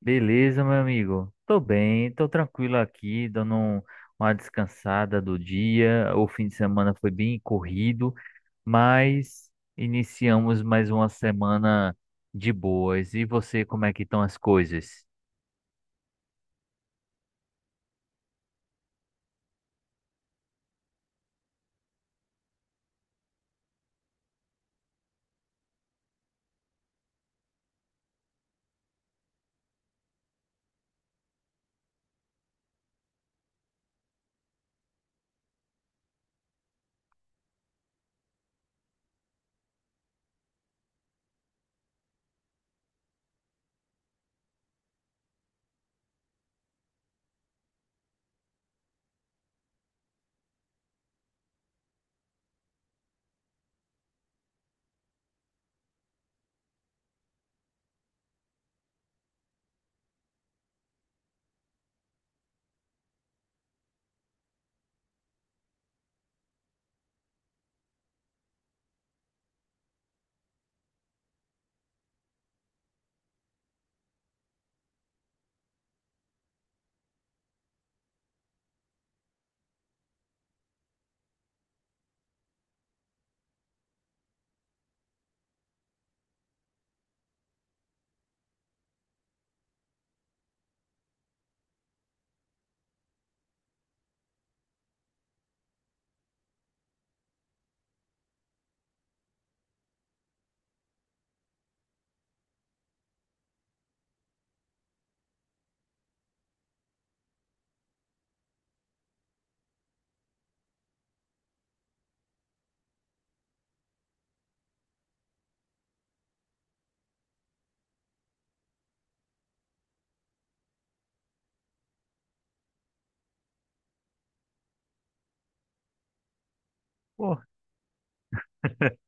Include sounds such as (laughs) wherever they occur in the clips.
Beleza, meu amigo. Tô bem, tô tranquilo aqui, dando uma descansada do dia. O fim de semana foi bem corrido, mas iniciamos mais uma semana de boas. E você, como é que estão as coisas? Pô, (laughs)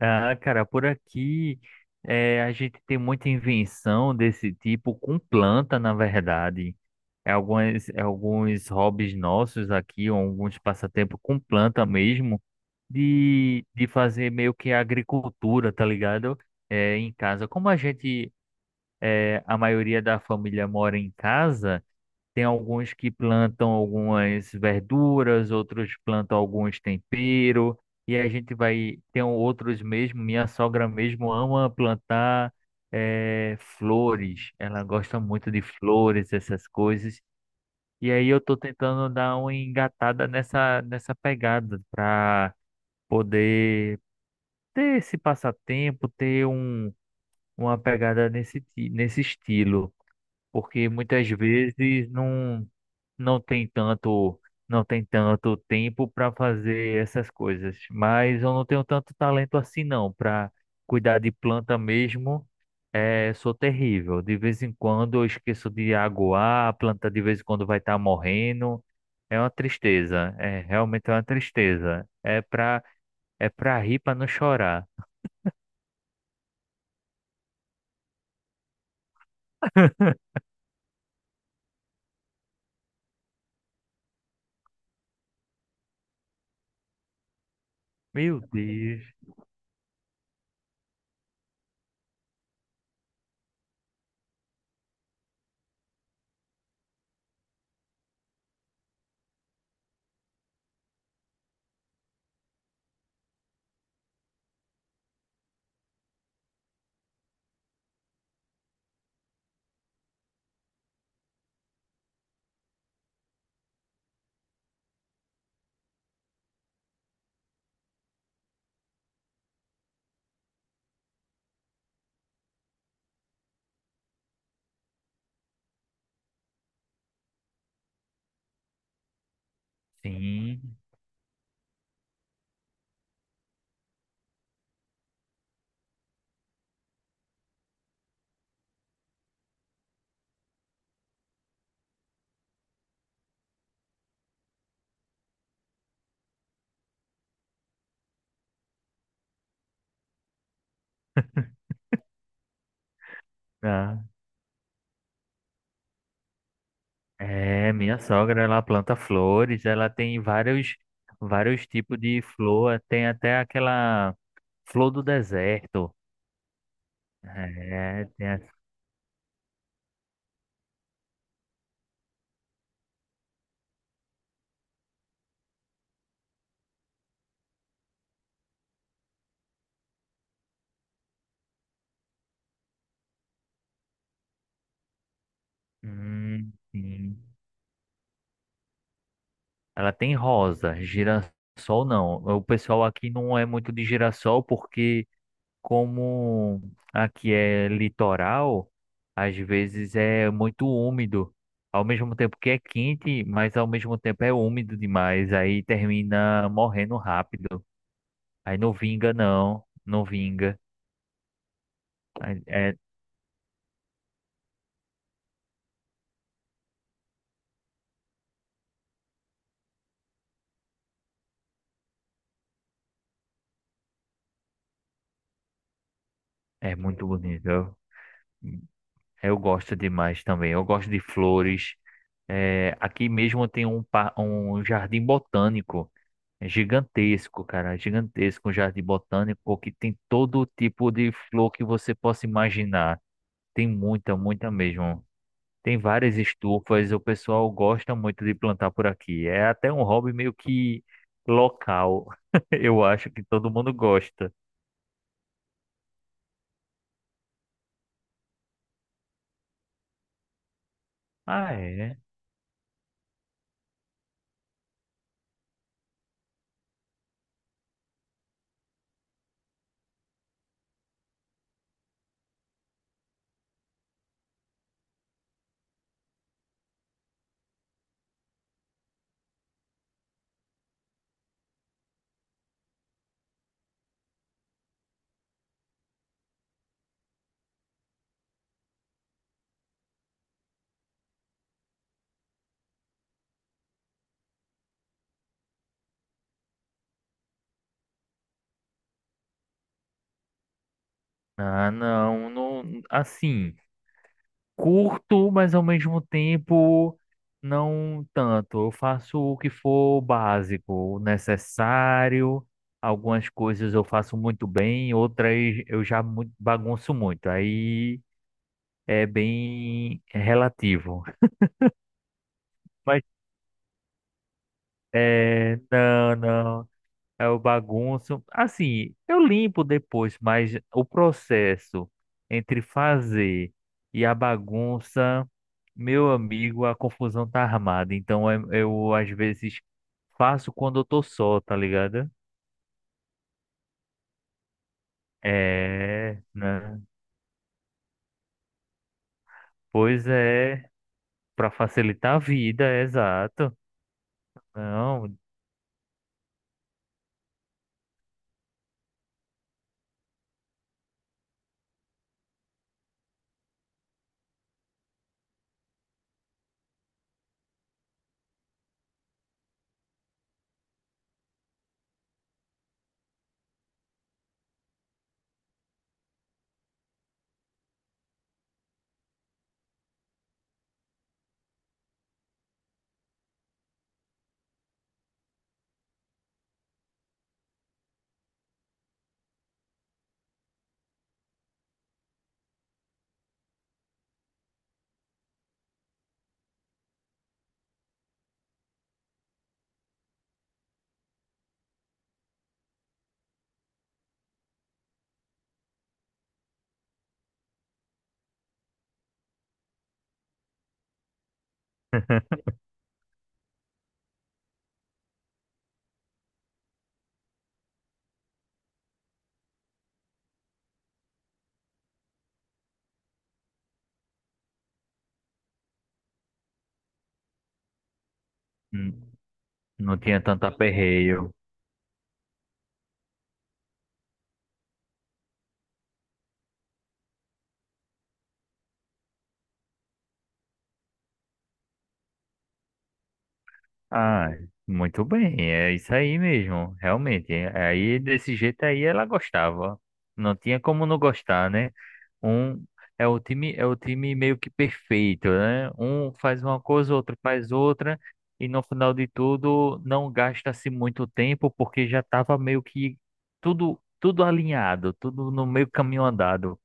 ah, cara, por aqui a gente tem muita invenção desse tipo com planta, na verdade. É alguns hobbies nossos aqui, ou alguns passatempos com planta mesmo, de fazer meio que agricultura, tá ligado? É, em casa. Como a gente, a maioria da família mora em casa, tem alguns que plantam algumas verduras, outros plantam alguns tempero, e a gente vai, tem outros mesmo, minha sogra mesmo ama plantar, flores, ela gosta muito de flores, essas coisas. E aí eu tô tentando dar uma engatada nessa pegada para poder ter esse passatempo, ter uma pegada nesse estilo, porque muitas vezes não, não tem tanto, não tem tanto tempo para fazer essas coisas, mas eu não tenho tanto talento assim não, para cuidar de planta mesmo. É, sou terrível. De vez em quando eu esqueço de aguar, a planta de vez em quando vai estar morrendo. É uma tristeza, é realmente uma tristeza. É pra rir, pra não chorar. Meu Deus. Sim, ah, minha sogra, ela planta flores, ela tem vários, vários tipos de flor, tem até aquela flor do deserto, é, tem a- sim. Ela tem rosa, girassol não, o pessoal aqui não é muito de girassol porque, como aqui é litoral, às vezes é muito úmido. Ao mesmo tempo que é quente, mas ao mesmo tempo é úmido demais. Aí termina morrendo rápido. Aí não vinga, não. Não vinga. Aí é muito bonito. Eu gosto demais também. Eu gosto de flores. É, aqui mesmo tem um jardim botânico. É gigantesco, cara, é gigantesco, um jardim botânico que tem todo tipo de flor que você possa imaginar. Tem muita, muita mesmo. Tem várias estufas, o pessoal gosta muito de plantar por aqui. É até um hobby meio que local. (laughs) Eu acho que todo mundo gosta. Ah, é? Ah, não, não, assim, curto, mas ao mesmo tempo não tanto. Eu faço o que for básico, o necessário. Algumas coisas eu faço muito bem, outras eu bagunço muito. Aí é bem relativo. Mas é, não, não. É o bagunço. Assim, eu limpo depois, mas o processo entre fazer e a bagunça, meu amigo, a confusão tá armada. Então eu às vezes faço quando eu tô só, tá ligado? É, né? Pois é, pra facilitar a vida, exato. Não, n- não tinha tanto aperreio. Ah, muito bem, é isso aí mesmo, realmente. Aí desse jeito aí ela gostava. Não tinha como não gostar, né? Um é o time meio que perfeito, né? Um faz uma coisa, outro faz outra, e no final de tudo não gasta-se muito tempo porque já estava meio que tudo alinhado, tudo no meio caminho andado.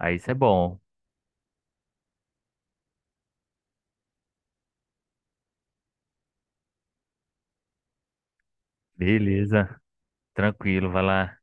Aí isso é bom. Beleza, tranquilo, vai lá.